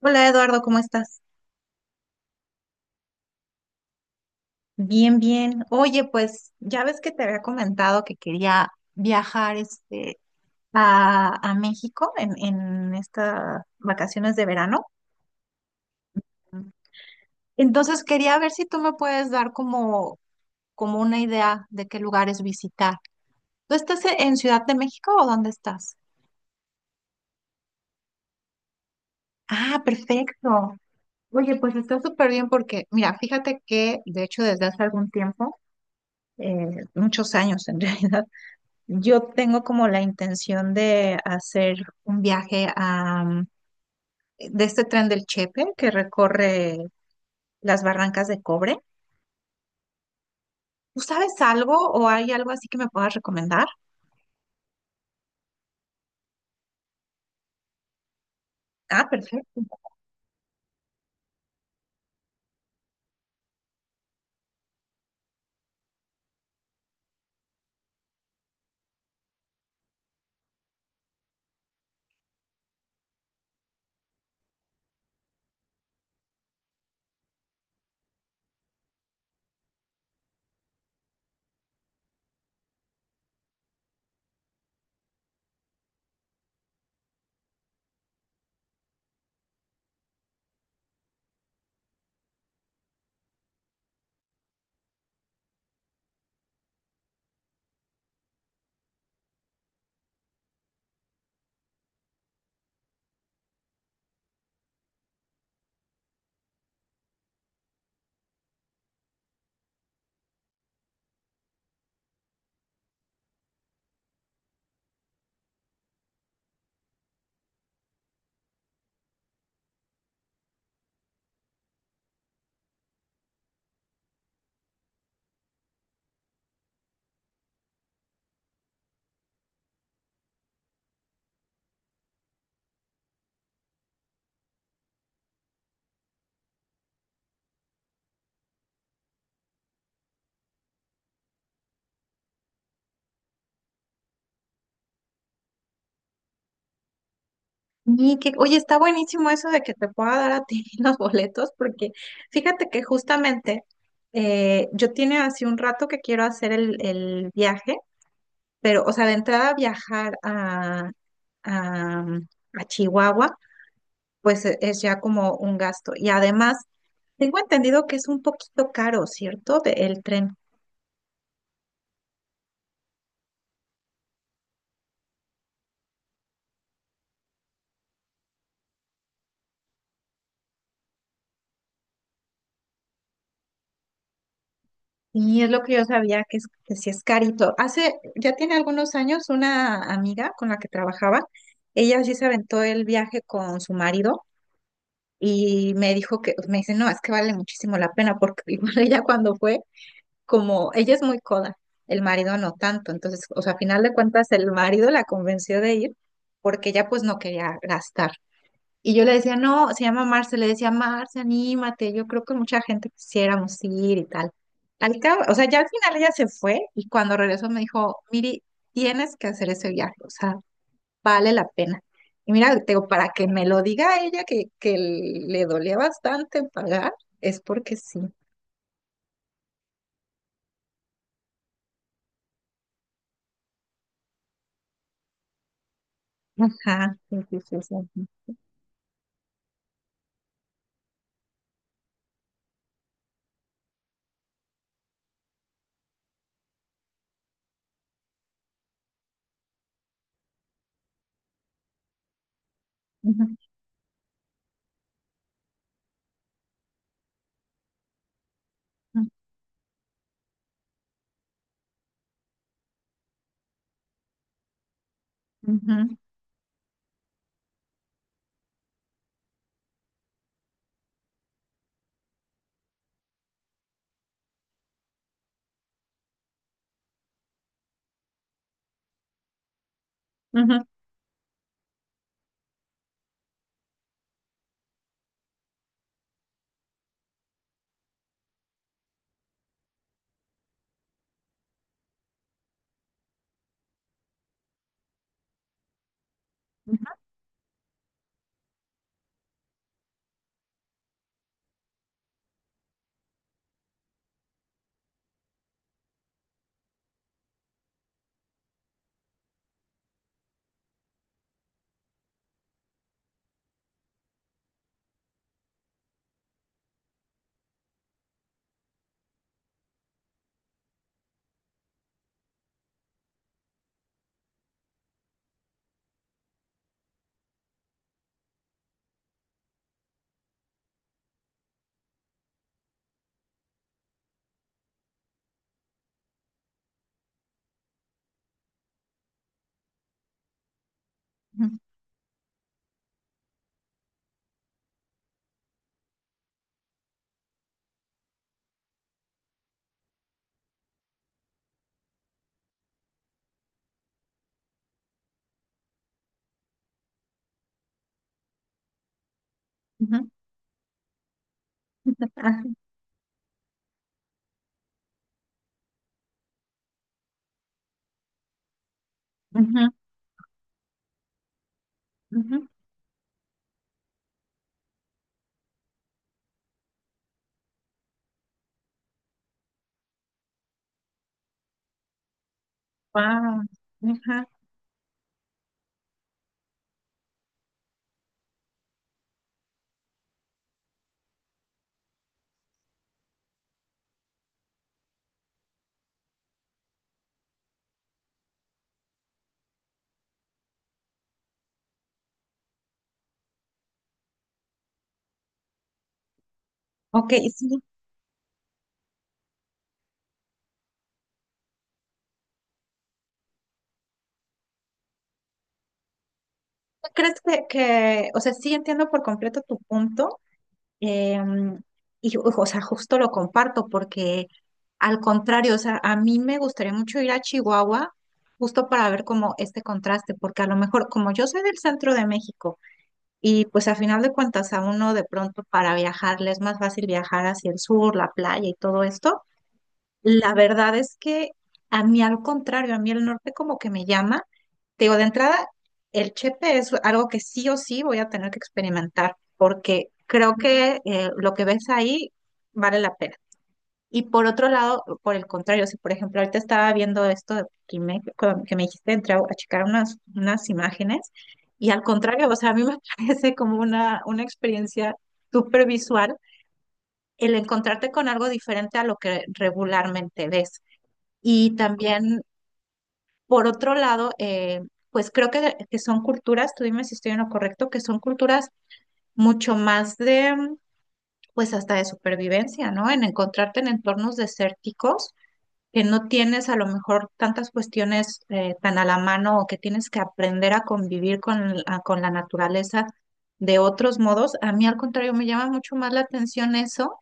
Hola Eduardo, ¿cómo estás? Bien, bien. Oye, pues ya ves que te había comentado que quería viajar a México en estas vacaciones de verano. Entonces quería ver si tú me puedes dar como una idea de qué lugares visitar. ¿Tú estás en Ciudad de México o dónde estás? Ah, perfecto. Oye, pues está súper bien porque, mira, fíjate que de hecho desde hace algún tiempo, muchos años en realidad, yo tengo como la intención de hacer un viaje de este tren del Chepe que recorre las barrancas de cobre. ¿Tú sabes algo o hay algo así que me puedas recomendar? Ah, perfecto. Y que, oye, está buenísimo eso de que te pueda dar a ti los boletos, porque fíjate que justamente yo tiene hace un rato que quiero hacer el viaje, pero, o sea, de entrada viajar a, mm, a Chihuahua pues es ya como un gasto. Y además, tengo entendido que es un poquito caro, ¿cierto? El tren. Y es lo que yo sabía, que, es, que sí es carito. Hace, ya tiene algunos años, una amiga con la que trabajaba, ella sí se aventó el viaje con su marido y me dijo que, me dice, no, es que vale muchísimo la pena porque igual ella cuando fue, como, ella es muy coda, el marido no tanto. Entonces, o sea, a final de cuentas, el marido la convenció de ir porque ella pues no quería gastar. Y yo le decía, no, se llama Marce, le decía, Marce, anímate, yo creo que mucha gente quisiéramos ir y tal. Al cabo, o sea, ya al final ella se fue y cuando regresó me dijo, Miri, tienes que hacer ese viaje, o sea, vale la pena. Y mira, te digo, para que me lo diga ella que le dolía bastante pagar, es porque sí. Ajá, sí, sí, sí, sí. Ujú, ujú, ujú, ujú, ujú, ujú, ujú, ujú, ujú. Guau, ajá. Ok, sí. Crees o sea, sí entiendo por completo tu punto, em, y, o sea, justo lo comparto porque al contrario, o sea, a mí me gustaría mucho ir a Chihuahua justo para ver como este contraste, porque a lo mejor, como yo soy del centro de México, y pues a final de cuentas a uno de pronto para viajar le es más fácil viajar hacia el sur, la playa y todo esto, la verdad es que a mí al contrario, a mí el norte como que me llama. Te digo, de entrada, el Chepe es algo que sí o sí voy a tener que experimentar, porque creo que lo que ves ahí vale la pena. Y por otro lado, por el contrario, si por ejemplo ahorita estaba viendo esto de Quimé, que me dijiste, entré a checar unas imágenes, y al contrario, o sea, a mí me parece como una experiencia súper visual el encontrarte con algo diferente a lo que regularmente ves. Y también, por otro lado, pues creo que son culturas, tú dime si estoy en lo correcto, que son culturas mucho más pues hasta de supervivencia, ¿no? En encontrarte en entornos desérticos, que no tienes a lo mejor tantas cuestiones tan a la mano o que tienes que aprender a convivir con, con la naturaleza de otros modos. A mí, al contrario, me llama mucho más la atención eso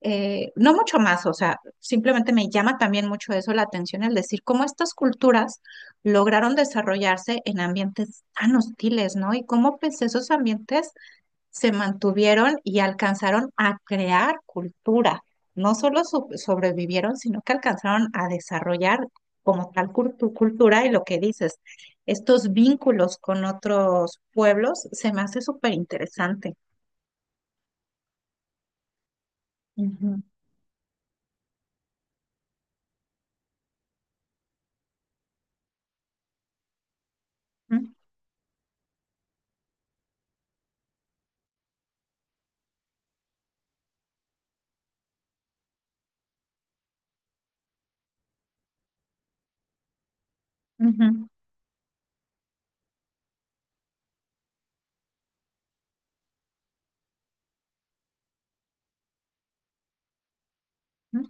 no mucho más, o sea, simplemente me llama también mucho eso la atención, el decir cómo estas culturas lograron desarrollarse en ambientes tan hostiles, ¿no? Y cómo pues esos ambientes se mantuvieron y alcanzaron a crear cultura. No solo sobrevivieron, sino que alcanzaron a desarrollar como tal cultura y lo que dices, estos vínculos con otros pueblos, se me hace súper interesante. Ujú, ujú, ujú.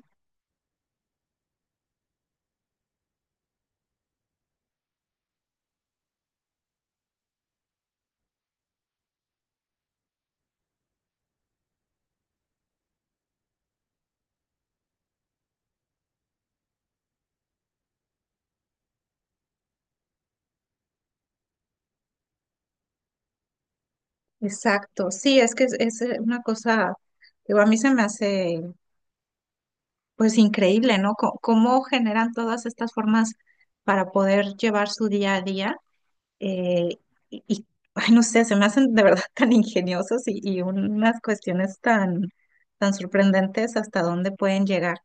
Exacto, sí, es que es una cosa, digo, a mí se me hace pues increíble, ¿no? Cómo, generan todas estas formas para poder llevar su día a día eh, y, y, ay, no sé, se me hacen de verdad tan ingeniosos y unas cuestiones tan, tan sorprendentes hasta dónde pueden llegar.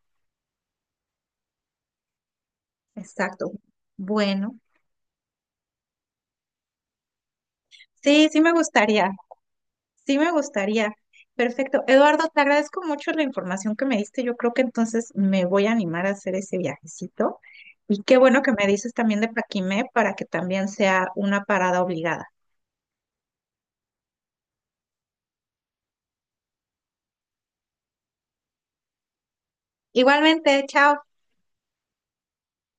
Exacto. Bueno, sí, sí me gustaría. Sí, me gustaría. Perfecto. Eduardo, te agradezco mucho la información que me diste. Yo creo que entonces me voy a animar a hacer ese viajecito. Y qué bueno que me dices también de Paquimé para que también sea una parada obligada. Igualmente, chao.